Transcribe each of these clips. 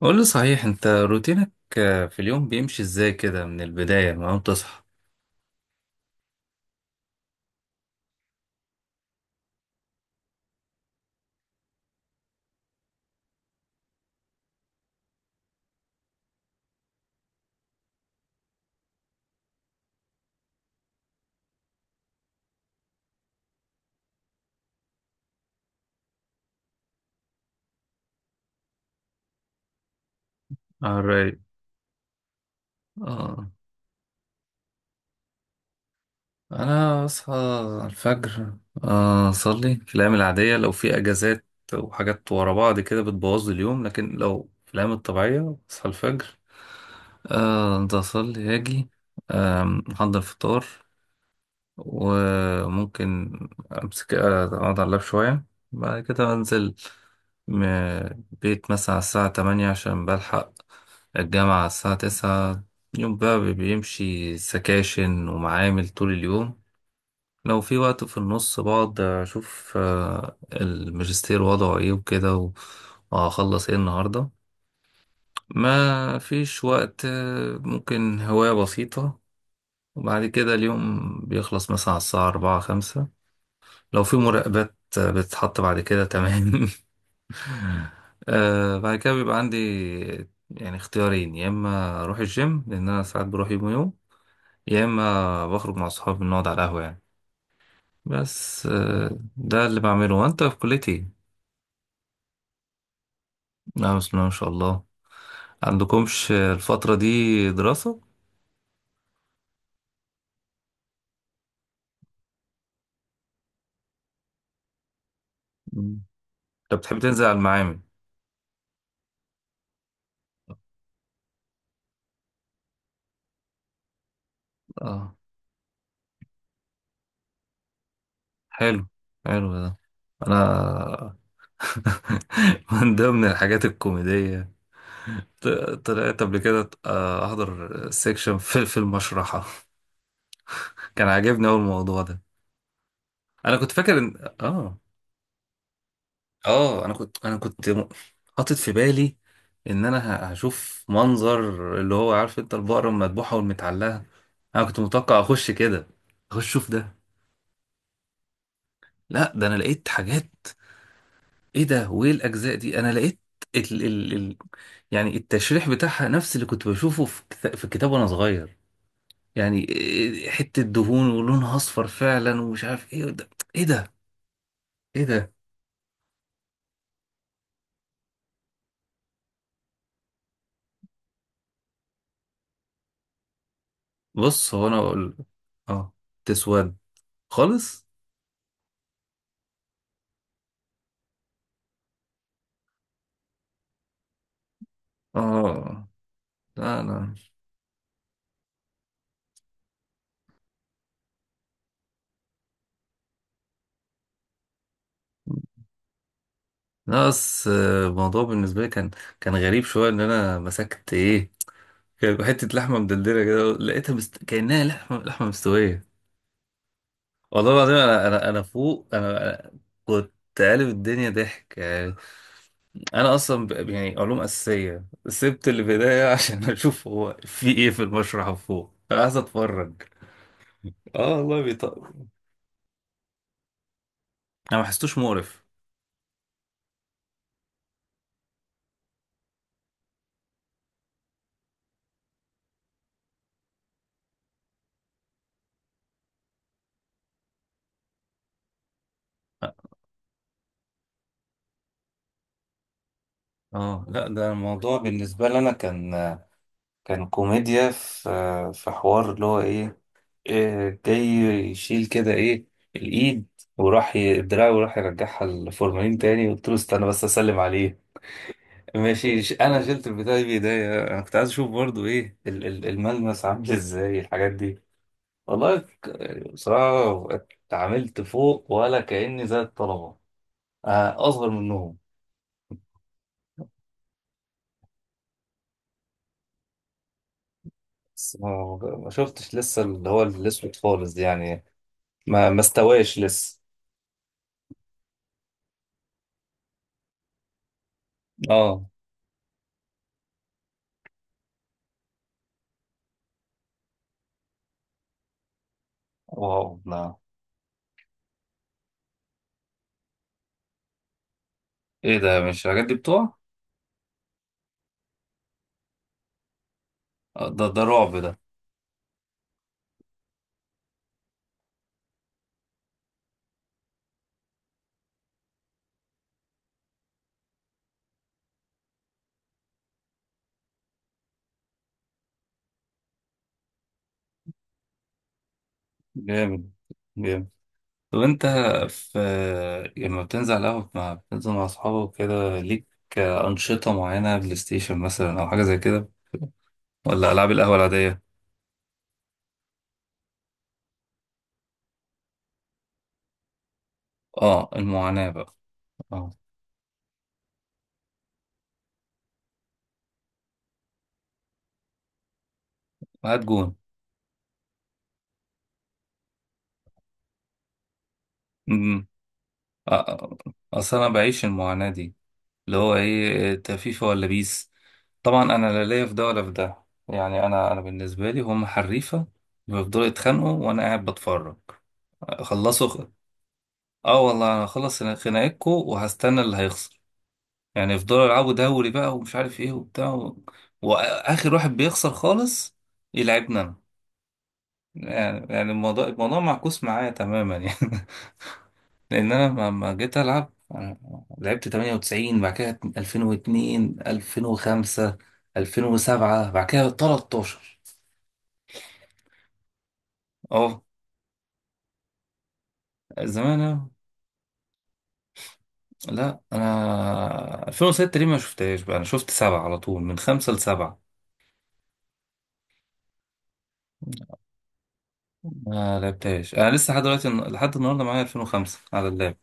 قول لي صحيح انت روتينك؟ في اليوم بيمشي ازاي كده، من البداية من اول تصحى؟ Alright. اه، انا اصحى الفجر، اصلي في الايام العادية. لو في اجازات وحاجات ورا بعض كده بتبوظ لي اليوم، لكن لو في الايام الطبيعية اصحى الفجر، انت اصلي اجي، احضر فطار، وممكن امسك، اقعد على اللاب شوية، بعد كده انزل بيت مثلا على الساعة 8 عشان بلحق الجامعة الساعة تسعة. يوم بقى بيمشي سكاشن ومعامل طول اليوم. لو في وقت في النص بقعد أشوف الماجستير وضعه إيه وكده، وهخلص إيه النهاردة. ما فيش وقت، ممكن هواية بسيطة. وبعد كده اليوم بيخلص مثلا على الساعة 4 5. لو في مراقبات بتتحط بعد كده، تمام. بعد كده بيبقى عندي يعني اختيارين: يا إما أروح الجيم لأن أنا ساعات بروح يوم ويوم، يا اما بخرج مع اصحابي بنقعد على القهوه يعني. بس ده اللي بعمله. وانت في كليتي؟ نعم، بسم الله ما شاء الله. عندكمش الفتره دي دراسه؟ مم. انت بتحب تنزل على المعامل؟ اه. حلو، حلو ده. انا من ضمن الحاجات الكوميديه، ط- طلعت قبل كده احضر سيكشن في المشرحه كان عاجبني اول الموضوع ده. انا كنت فاكر ان اه انا كنت حاطط في بالي ان انا هشوف منظر اللي هو، عارف انت، البقرة المذبوحة والمتعلقة. انا كنت متوقع اخش كده، اخش اشوف ده. لا، ده انا لقيت حاجات. ايه ده وايه الاجزاء دي؟ انا لقيت ال ال ال يعني التشريح بتاعها نفس اللي كنت بشوفه في كتاب، في الكتاب، وانا صغير، يعني حتة دهون ولونها اصفر فعلا ومش عارف ايه ده. ايه ده؟ ايه ده؟ بص، هو انا اقول. اه، تسود خالص. اه. لا، لا. ناقص الموضوع بالنسبة لي كان غريب شوية إن أنا مسكت إيه. كان حتة لحمة مدلدلة كده لقيتها كأنها لحمة، لحمة مستوية. والله العظيم أنا فوق، أنا كنت قالب الدنيا ضحك يعني. أنا أصلا يعني علوم أساسية سبت اللي في إيديا عشان أشوف هو في إيه في المشرح فوق، أنا عايز أتفرج. والله بيطق. أنا ما حسيتوش مقرف. اه. لا، ده الموضوع بالنسبة لي انا كان، كان كوميديا في حوار اللي هو ايه، جاي يشيل كده ايه، الايد، وراح الدراع وراح يرجعها الفورمالين تاني. قلت له استنى بس اسلم عليه. ماشي، انا شلت البتاع بايديا. انا كنت عايز اشوف برضو ايه الملمس عامل ازاي الحاجات دي. والله بصراحة اتعاملت فوق ولا كأني زي الطلبة اصغر منهم. بس ما شفتش لسه اللي هو الاسود خالص دي يعني، ما استواش لسه. اه. واو. لا، ايه ده، مش الحاجات دي بتوع؟ ده، ده رعب ده. جامد، جامد. طب انت، في لما بتنزل على القهوة مع، بتنزل مع اصحابك كده، ليك أنشطة معينة؟ بلاي ستيشن مثلا أو حاجة زي كده، ولا ألعاب القهوة العادية؟ اه، المعاناة بقى. اه، هات جون. امم. اه، أصل أنا بعيش المعاناة دي اللي هو إيه: انت فيفا ولا بيس؟ طبعا أنا لا ليا في ده ولا في ده يعني، أنا بالنسبة لي هم حريفة، بيفضلوا يتخانقوا وأنا قاعد بتفرج. خلصوا! اه، والله انا هخلص خناقتكم وهستنى اللي هيخسر. يعني يفضلوا يلعبوا دوري بقى ومش عارف ايه وبتاع واخر واحد بيخسر خالص يلعبنا انا. يعني الموضوع، الموضوع معكوس معايا تماما يعني لان انا لما جيت العب أنا لعبت 98، بعد كده 2002، 2005، 2007، بعد كده 13. اه، زمان. لا، انا 2006 دي ما شفتهاش بقى. انا شفت 7 على طول، من 5 لـ7، ما لعبتهاش. انا لسه لحد دلوقتي، لحد النهارده، معايا 2005 على اللاب،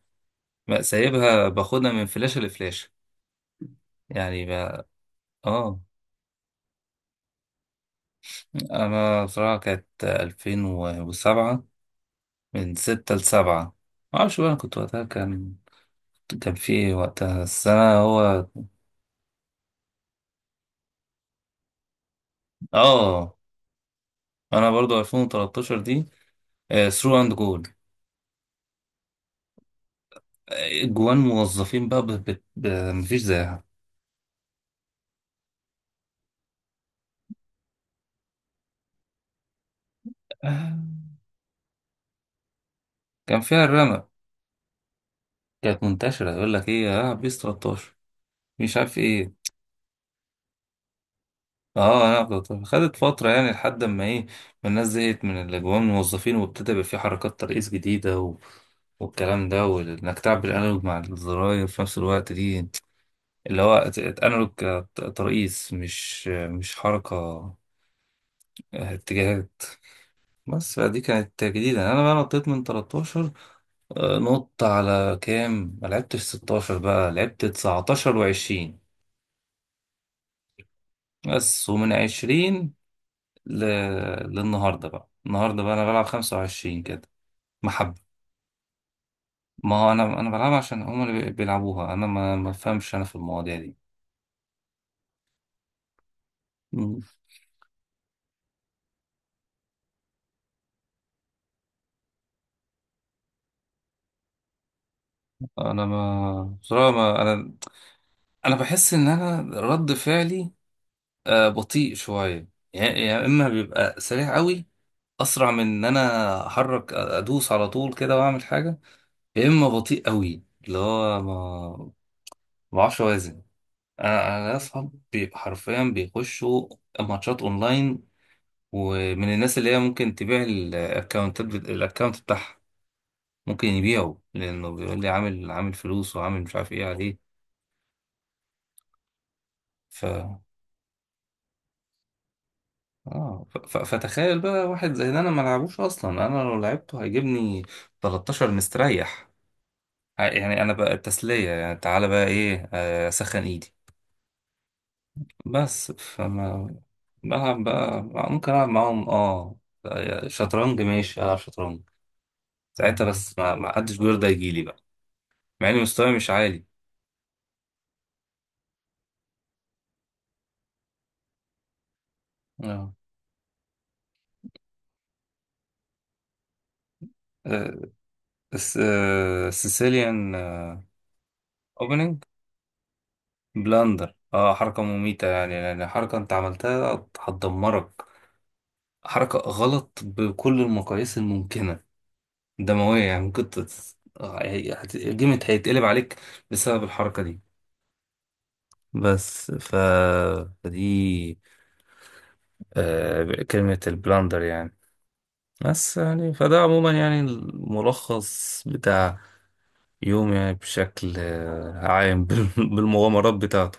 بقى سايبها باخدها من فلاشه لفلاشه يعني بقى. اه، انا بصراحه كانت 2007، من 6 ل 7. ما اعرفش بقى، انا كنت وقتها، كان، في ايه وقتها السنه هو. اه، انا برضو 2013 دي، ثرو اند جول، جوان موظفين بقى مفيش زيها. آه، كان فيها الرمق. كانت منتشره، يقول لك ايه، العب بيس 13، مش عارف ايه. اه، انا خدت فترة يعني لحد ما ايه، ما الناس زهقت من الاجواء، من الموظفين، وابتدى يبقى في حركات ترقيص جديدة والكلام ده، وانك تعبر الانالوج مع الزراير في نفس الوقت دي، اللي هو انالوج، ترقيص، مش حركة، اتجاهات. بس فدي كانت جديدة، انا بقى نطيت من 13 نط على كام. ما لعبتش 16، بقى لعبت 19 و20. بس ومن 20 ل... للنهارده بقى، النهارده بقى انا بلعب 25 كده محبة. ما هو انا بلعبها عشان هم اللي بيلعبوها، انا ما بفهمش انا في المواضيع دي. مم. انا ما بصراحة، ما انا انا بحس ان انا رد فعلي بطيء شوية، يعني يا اما بيبقى سريع قوي، اسرع من ان انا احرك ادوس على طول كده واعمل حاجة، يا اما بطيء قوي، اللي هو ما بعرفش اوازن. انا ليا اصحاب حرفيا بيخشوا ماتشات اونلاين، ومن الناس اللي هي ممكن تبيع الاكونتات الاكونت بتاعها، ممكن يبيعه، لانه بيقول لي عامل، فلوس وعامل مش عارف ايه عليه. ف اه، فتخيل بقى واحد زي ده انا ما لعبوش اصلا، انا لو لعبته هيجيبني 13 مستريح. يعني انا بقى التسلية يعني تعالى بقى ايه، اسخن ايدي بس. بلعب بقى، ممكن العب معاهم، اه، شطرنج. ماشي، العب شطرنج ساعتها. بس ما حدش بيرضى يجيلي بقى، مع ان مستواي مش عالي. آه. سيسيليان اوبننج. بلاندر، اه، حركة مميتة يعني، حركة انت عملتها هتدمرك، حركة غلط بكل المقاييس الممكنة، دموية يعني، ممكن الجيم هيتقلب عليك بسبب الحركة دي. بس فدي كلمة البلاندر يعني. بس يعني فده عموما يعني الملخص بتاع يوم، يعني بشكل عام، بالمغامرات بتاعته.